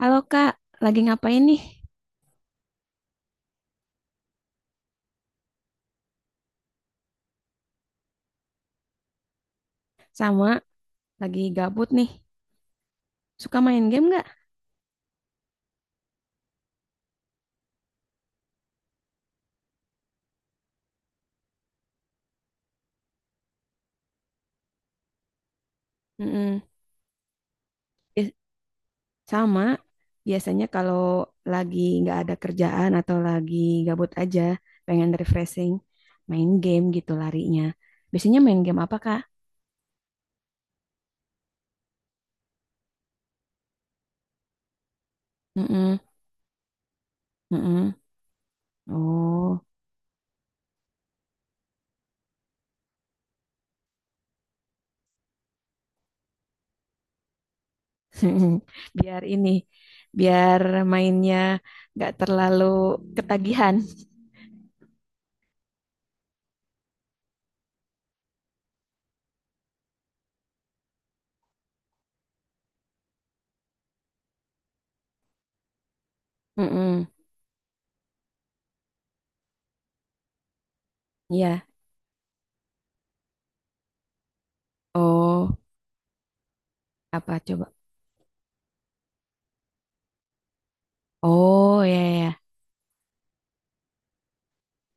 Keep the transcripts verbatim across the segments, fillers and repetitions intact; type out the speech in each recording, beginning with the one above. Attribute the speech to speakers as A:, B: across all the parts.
A: Halo Kak, lagi ngapain nih? Sama, lagi gabut nih. Suka main game nggak? Mm-mm. Bi- Sama, biasanya kalau lagi nggak ada kerjaan atau lagi gabut aja, pengen refreshing, main game gitu larinya. Biasanya main game apa Kak? Mm-mm. Mm-mm. Oh, biar ini, biar mainnya nggak terlalu ketagihan. Mm-mm. Iya. Oh, apa coba? Oh, ya, ya, ya,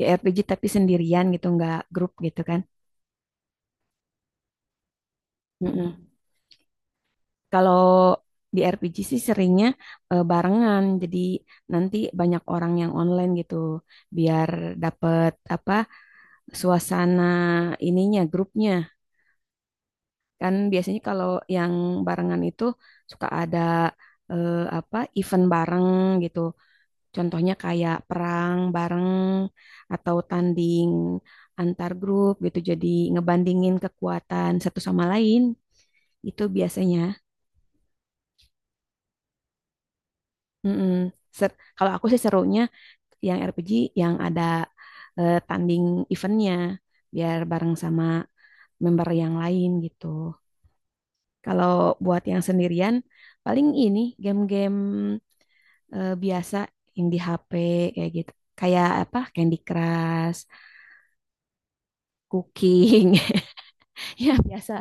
A: ya R P G tapi sendirian gitu nggak grup gitu kan. Mm-mm. Kalau di R P G sih seringnya eh, barengan jadi nanti banyak orang yang online gitu biar dapet apa suasana ininya grupnya kan biasanya kalau yang barengan itu suka ada eh, apa event bareng gitu contohnya kayak perang bareng atau tanding antar grup gitu jadi ngebandingin kekuatan satu sama lain itu biasanya. Mm-mm. Ser- Kalau aku sih serunya yang R P G yang ada eh, tanding eventnya biar bareng sama member yang lain gitu. Kalau buat yang sendirian paling ini game-game eh, biasa yang di H P kayak gitu. Kayak apa? Candy Crush, Cooking, ya biasa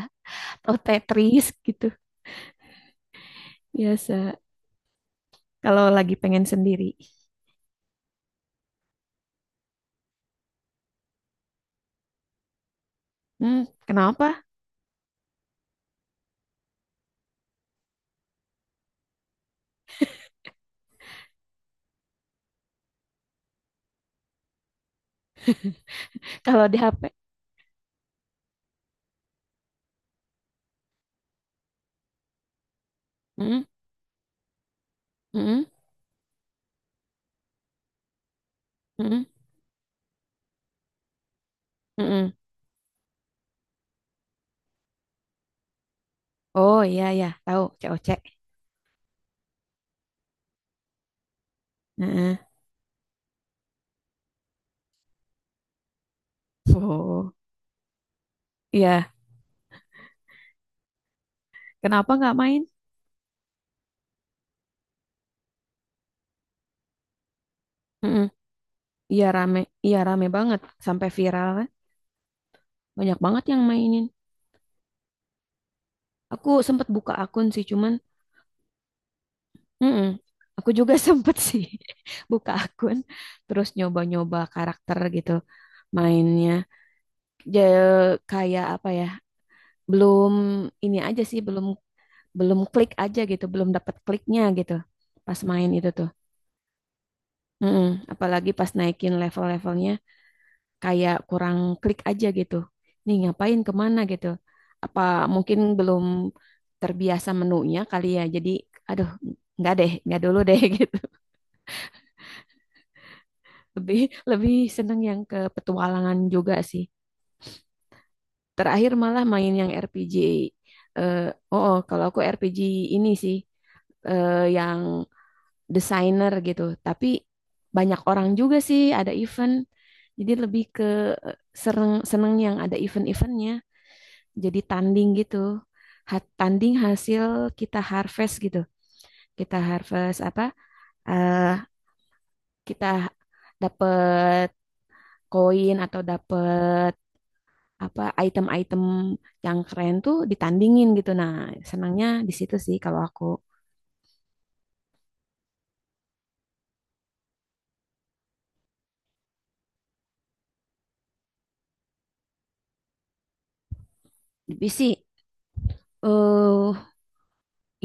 A: atau Tetris gitu biasa. Kalau lagi pengen sendiri. Hmm, kenapa? Kalau di H P? Hmm, hmm, hmm. Mm-mm. Oh iya ya, tahu C O C. Heeh. Oh iya, kenapa nggak main? Mm-mm. Iya rame, iya rame banget sampai viral kan. Banyak banget yang mainin. Aku sempet buka akun sih, cuman, mm-mm. Aku juga sempet sih buka akun, terus nyoba-nyoba karakter gitu mainnya. Ja- kayak apa ya? Belum ini aja sih, belum belum klik aja gitu, belum dapat kliknya gitu pas main itu tuh. Mm-mm. Apalagi pas naikin level-levelnya kayak kurang klik aja gitu. Nih ngapain kemana gitu. Apa mungkin belum terbiasa menunya kali ya. Jadi aduh nggak deh, nggak dulu deh gitu. Lebih lebih seneng yang ke petualangan juga sih. Terakhir malah main yang R P G. Eh, oh, oh, kalau aku R P G ini sih eh, yang desainer gitu. Tapi banyak orang juga sih ada event. Jadi lebih ke eh, sereng, seneng yang ada event-eventnya. Jadi tanding gitu. Ha- Tanding hasil kita harvest gitu. Kita harvest apa? eh, kita dapet koin atau dapet apa item-item yang keren tuh ditandingin gitu. Nah, senangnya di situ sih kalau aku. Tapi sih eh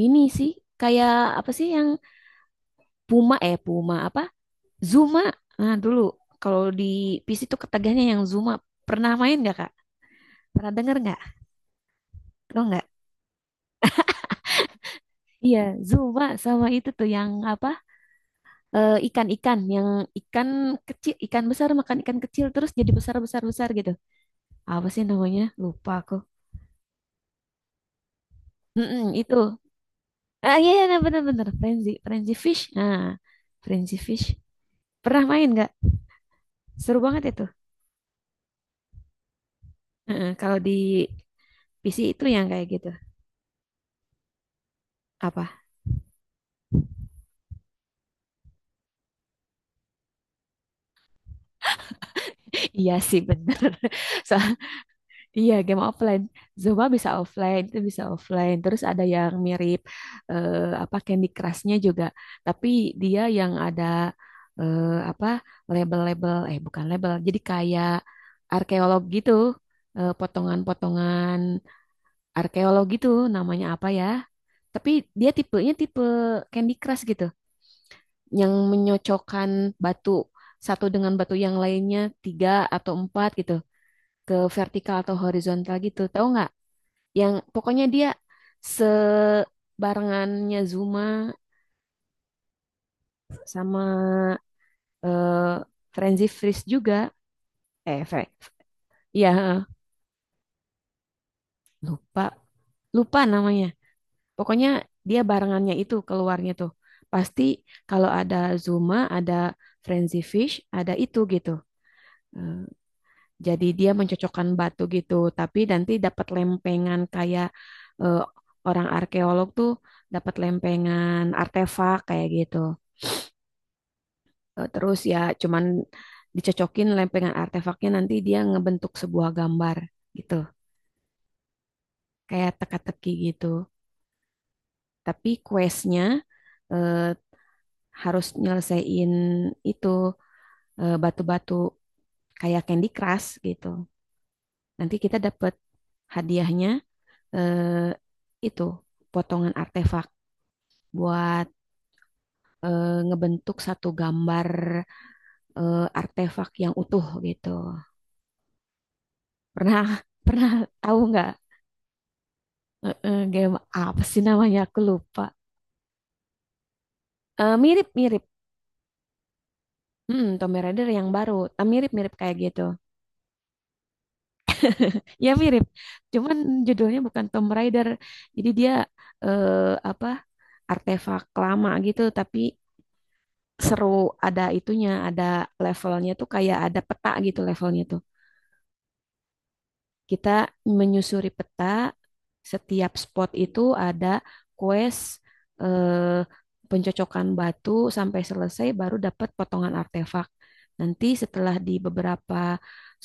A: ini sih kayak apa sih yang Puma eh Puma apa? Zuma. Nah, dulu kalau di P C tuh ketagihnya yang Zuma. Pernah main nggak Kak? Pernah denger nggak? Lo nggak? Iya, Zuma sama itu tuh yang apa? eh, Ikan-ikan yang ikan kecil, ikan besar makan ikan kecil terus jadi besar-besar-besar gitu. Apa sih namanya? Lupa aku. Mm-mm, itu. Ah iya, iya, nah, bener-bener. Frenzy, Frenzy Fish. Nah, Frenzy Fish. Pernah main nggak? Seru banget itu. Heeh, kalau di P C itu yang kayak gitu. Apa? Iya sih bener. So, iya, game offline. Zumba bisa offline, itu bisa offline. Terus ada yang mirip eh, apa Candy Crush-nya juga, tapi dia yang ada eh, apa label-label, eh bukan label, jadi kayak arkeolog gitu. Eh, potongan-potongan arkeolog gitu, namanya apa ya? Tapi dia tipenya tipe Candy Crush gitu, yang menyocokkan batu satu dengan batu yang lainnya tiga atau empat gitu ke vertikal atau horizontal gitu, tahu nggak? Yang pokoknya dia sebarengannya Zuma sama eh Frenzy Freeze juga, eh Fre- ya lupa lupa namanya. Pokoknya dia barengannya itu keluarnya tuh pasti kalau ada Zuma ada Frenzy Fish ada itu gitu. Eh, jadi dia mencocokkan batu gitu tapi nanti dapat lempengan kayak eh, orang arkeolog tuh dapat lempengan artefak kayak gitu. Eh, Terus ya cuman dicocokin lempengan artefaknya nanti dia ngebentuk sebuah gambar gitu. Kayak teka-teki gitu. Tapi questnya eh, harus nyelesain itu eh, batu-batu kayak Candy Crush gitu. Nanti kita dapet hadiahnya eh, itu potongan artefak buat eh, ngebentuk satu gambar eh, artefak yang utuh gitu. Pernah pernah tahu nggak Eh, eh, game apa sih namanya? Aku lupa. Eh, mirip-mirip. Hmm, Tomb Raider yang baru. Eh, mirip-mirip kayak gitu. Ya mirip. Cuman judulnya bukan Tomb Raider. Jadi dia eh, apa? Artefak lama gitu. Tapi seru. Ada itunya. Ada levelnya tuh kayak ada peta gitu levelnya tuh. Kita menyusuri peta, setiap spot itu ada quest eh, pencocokan batu sampai selesai baru dapat potongan artefak. Nanti setelah di beberapa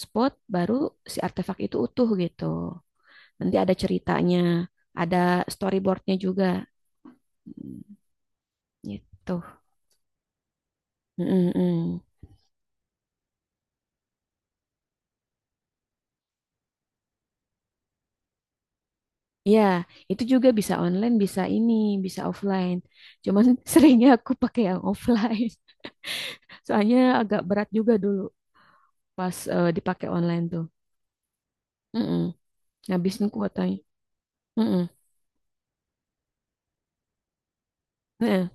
A: spot baru si artefak itu utuh gitu. Nanti ada ceritanya, ada storyboardnya juga. Hmm, gitu. Mm mm. Ya, itu juga bisa online, bisa ini, bisa offline. Cuman seringnya aku pakai yang offline. Soalnya agak berat juga dulu pas eh, dipakai online tuh. Mm-mm. Ngabisin kuotanya. Mm-mm. Nah,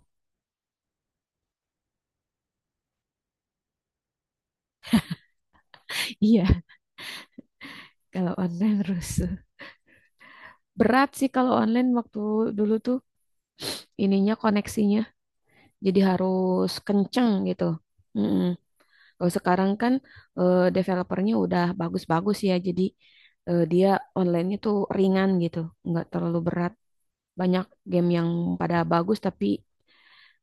A: iya, kalau online rusuh. Berat sih kalau online waktu dulu tuh ininya koneksinya. Jadi harus kenceng gitu. Mm-mm. Kalau sekarang kan eh, developernya udah bagus-bagus ya. Jadi eh, dia online-nya tuh ringan gitu. Nggak terlalu berat. Banyak game yang pada bagus tapi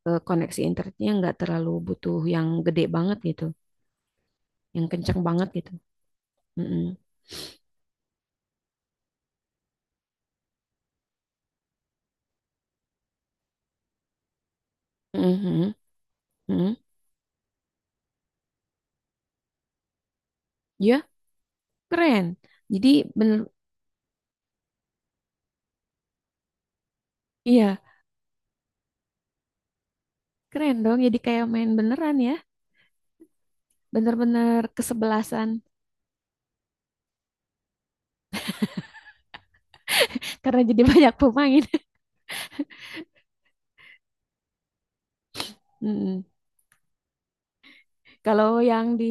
A: eh, koneksi internetnya nggak terlalu butuh yang gede banget gitu. Yang kencang banget gitu. Mm-mm. Mhm. Mhm. Ya, keren. Jadi bener, iya keren dong. Jadi kayak main beneran ya, bener-bener kesebelasan karena jadi banyak pemain. Mm-mm. Kalau yang di,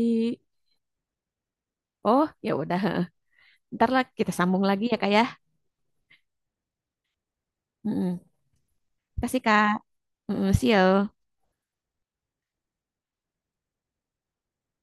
A: oh ya udah, ntar lah kita sambung lagi ya kak ya. Mm-mm. Kasih kak, Mm-mm. See you.